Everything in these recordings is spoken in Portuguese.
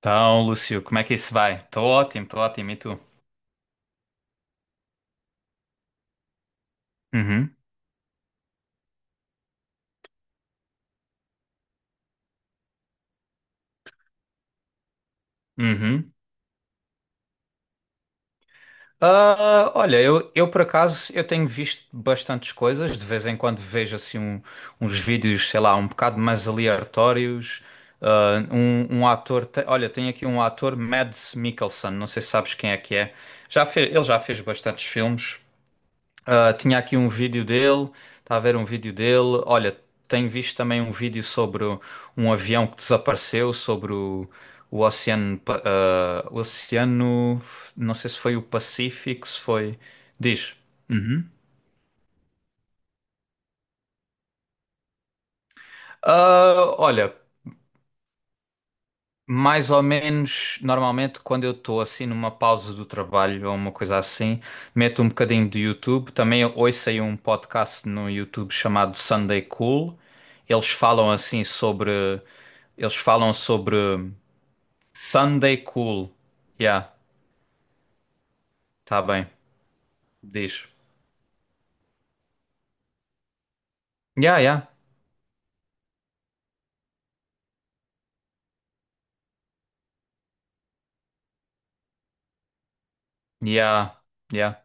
Então, Lúcio, como é que isso vai? Estou ótimo, estou ótimo. E tu? Uhum, uhum. Ah, olha, eu por acaso eu tenho visto bastantes coisas. De vez em quando vejo assim uns vídeos, sei lá, um bocado mais aleatórios. Ah, um ator, olha, tem aqui um ator, Mads Mikkelsen. Não sei se sabes quem é que é. Ele já fez bastantes filmes. Ah, tinha aqui um vídeo dele, está a ver um vídeo dele. Olha, tenho visto também um vídeo sobre um avião que desapareceu, sobre o oceano, o oceano, não sei se foi o Pacífico, se foi. Diz. Uhum. Ah, olha, mais ou menos, normalmente, quando eu estou assim numa pausa do trabalho ou uma coisa assim, meto um bocadinho de YouTube. Também eu ouço aí um podcast no YouTube chamado Sunday Cool. Eles falam assim sobre. Eles falam sobre Sunday Cool. Yeah, tá bem. Diz. Yeah, yeah. Yeah, yeah.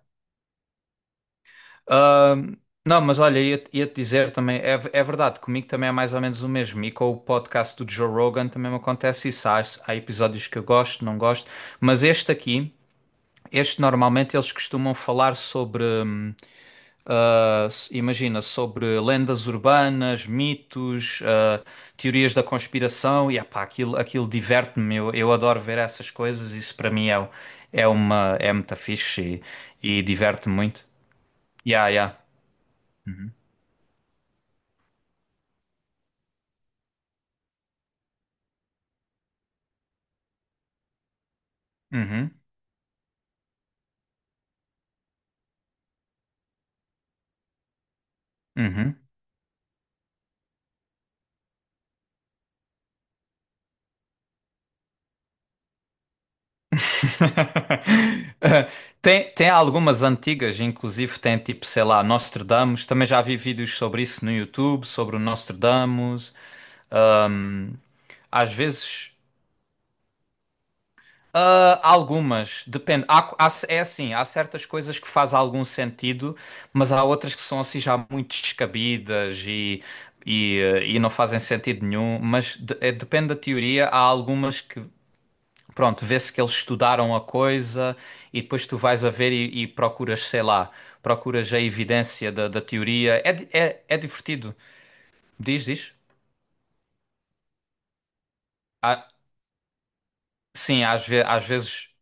Ahm, não, mas olha, ia-te dizer também, é verdade, comigo também é mais ou menos o mesmo. E com o podcast do Joe Rogan também me acontece isso. Há episódios que eu gosto, não gosto, mas este aqui, este normalmente eles costumam falar sobre, imagina, sobre lendas urbanas, mitos, ah, teorias da conspiração. E epá, aquilo, aquilo diverte-me, eu adoro ver essas coisas. Isso para mim é muito fixe e diverte-me muito. Yeah, yeah. Uhum. Uhum. Eh, tem algumas antigas, inclusive tem tipo, sei lá, Nostradamus. Também já vi vídeos sobre isso no YouTube, sobre o Nostradamus. Às vezes, ah, algumas, depende. É assim, há certas coisas que fazem algum sentido, mas há outras que são assim já muito descabidas e não fazem sentido nenhum. Mas depende da teoria, há algumas que pronto, vê-se que eles estudaram a coisa e depois tu vais a ver e procuras, sei lá, procuras a evidência da teoria. É divertido. Diz, diz. Ah, sim, às vezes.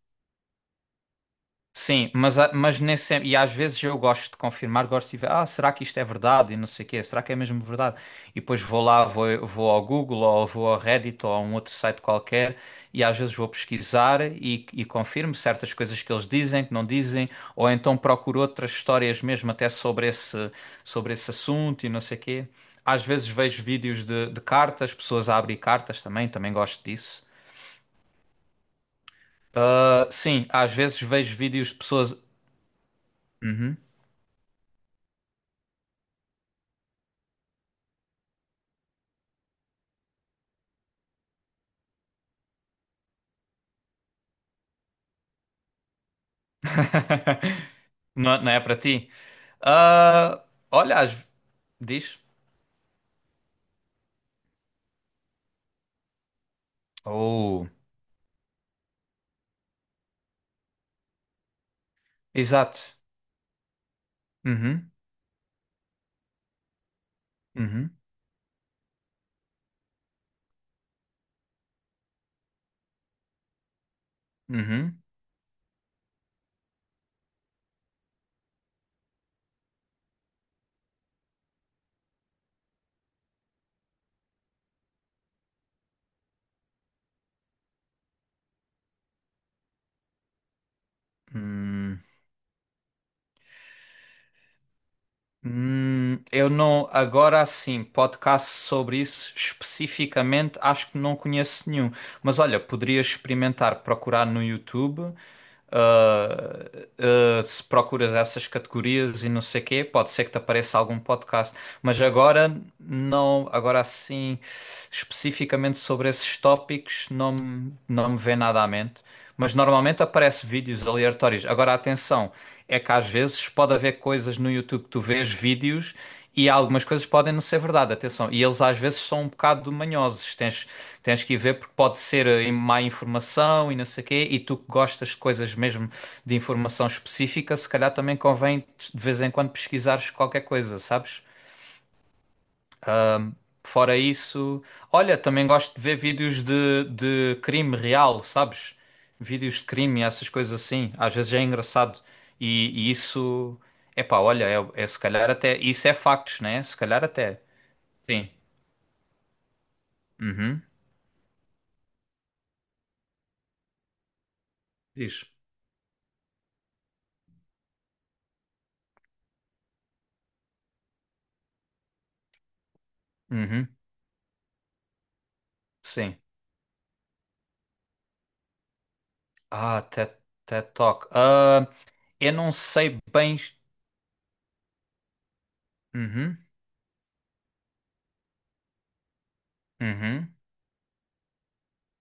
Sim, mas nem sempre, e às vezes eu gosto de confirmar, gosto de ver, ah, será que isto é verdade? E não sei o quê, será que é mesmo verdade? E depois vou lá, vou, vou ao Google ou vou ao Reddit ou a um outro site qualquer e às vezes vou pesquisar e confirmo certas coisas que eles dizem, que não dizem, ou então procuro outras histórias mesmo até sobre esse assunto e não sei o quê. Às vezes vejo vídeos de cartas, pessoas a abrir cartas também, também gosto disso. Ah, sim, às vezes vejo vídeos de pessoas. Uhum. Não, é, não é para ti? Ah, olha, diz. Oh, exato. Uhum, uhum, uhum. Hum, eu não, agora sim, podcast sobre isso especificamente, acho que não conheço nenhum. Mas olha, poderias experimentar procurar no YouTube. Uh, Se procuras essas categorias e não sei quê, pode ser que te apareça algum podcast, mas agora não, agora assim, especificamente sobre esses tópicos, não, não me vem nada à mente. Mas normalmente aparece vídeos aleatórios. Agora, atenção, é que às vezes pode haver coisas no YouTube que tu vês vídeos e algumas coisas podem não ser verdade, atenção. E eles às vezes são um bocado manhosos. Tens que ir ver porque pode ser má informação e não sei o quê. E tu que gostas de coisas mesmo de informação específica, se calhar também convém de vez em quando pesquisares qualquer coisa, sabes? Fora isso, olha, também gosto de ver vídeos de crime real, sabes? Vídeos de crime, essas coisas assim. Às vezes é engraçado. E isso, epá, olha, é se calhar até. Isso é factos, né? Se calhar até. Sim. Uhum. Diz. Uhum. Sim. Ah, TED Talk. Ah, eu não sei bem. Uhum. Uhum.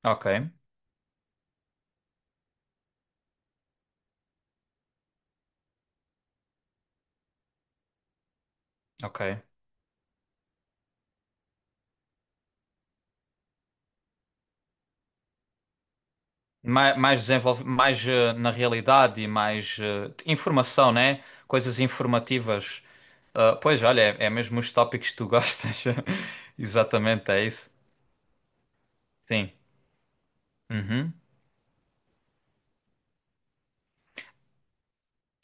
Ok. Ok. Mais, mais desenvolve, mais na realidade e mais informação, né? Coisas informativas. Ah, pois, olha, é mesmo os tópicos que tu gostas. Exatamente, é isso. Sim. Uhum.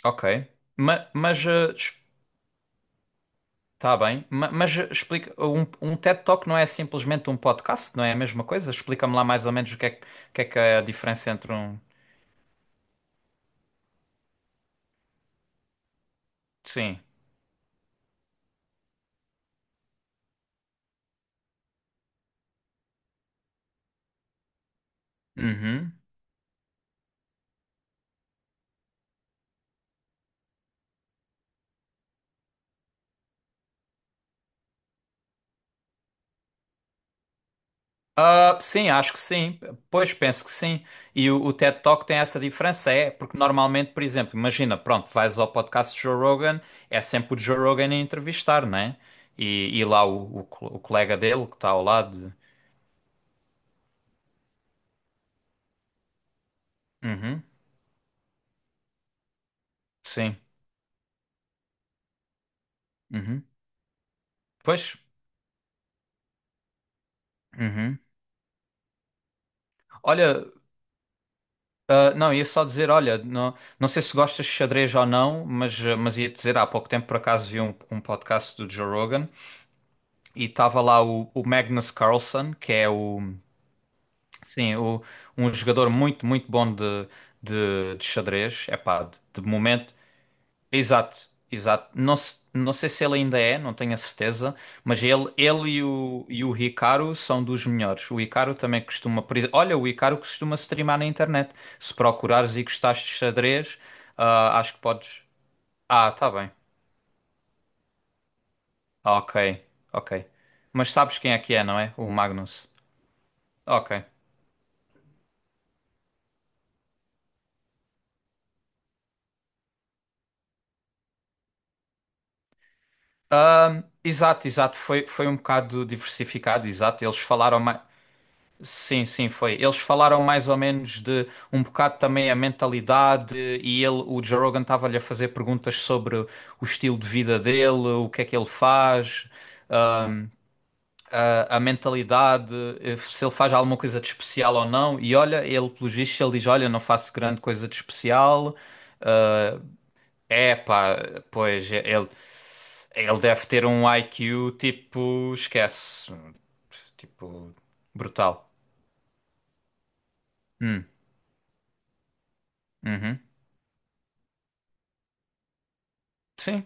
Ok. Ma- mas eh, Tá bem, mas explica, um TED Talk não é simplesmente um podcast, não é a mesma coisa? Explica-me lá mais ou menos o que é, que o que é a diferença entre um. Sim. Uhum. Ah, sim, acho que sim. Pois penso que sim. E o TED Talk tem essa diferença, é porque normalmente, por exemplo, imagina, pronto, vais ao podcast de Joe Rogan, é sempre o Joe Rogan a entrevistar, né? E lá o colega dele que está ao lado. Uhum. Sim. Uhum. Pois. Uhum. Olha. Ah, não, ia só dizer, olha, não, não sei se gostas de xadrez ou não, mas, ah, mas ia dizer, há pouco tempo por acaso vi um podcast do Joe Rogan e estava lá o Magnus Carlsen, que é o, sim, o, um jogador muito, muito bom de xadrez. Epá, de momento, exato, exato. Não, não sei se ele ainda é, não tenho a certeza, mas ele e o Hikaru são dos melhores. O Hikaru também costuma. Olha, o Hikaru costuma streamar na internet. Se procurares e gostares de xadrez, ah, acho que podes. Ah, tá bem. Ok, ok. Mas sabes quem é que é, não é? O Magnus. Ok. Exato, exato. Foi, foi um bocado diversificado, exato. Eles falaram mais. Sim, sim, foi. Eles falaram mais ou menos de um bocado também a mentalidade e ele, o Joe Rogan estava-lhe a fazer perguntas sobre o estilo de vida dele, o que é que ele faz, ah, a mentalidade, se ele faz alguma coisa de especial ou não. E olha, ele, pelos vistos, ele diz, olha, não faço grande coisa de especial. É pá, pois, ele, deve ter um IQ tipo, esquece, tipo, brutal. Hum, uhum. Sim.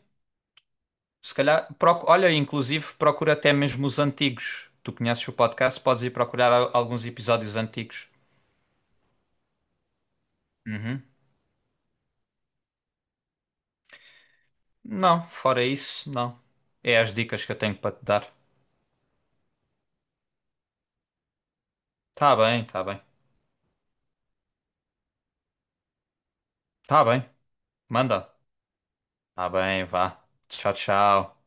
Se calhar, olha, inclusive procura até mesmo os antigos. Tu conheces o podcast, podes ir procurar alguns episódios antigos. Uhum. Não, fora isso, não. É as dicas que eu tenho para te dar. Tá bem, tá bem. Tá bem. Manda. Tá bem, vá. Tchau, tchau.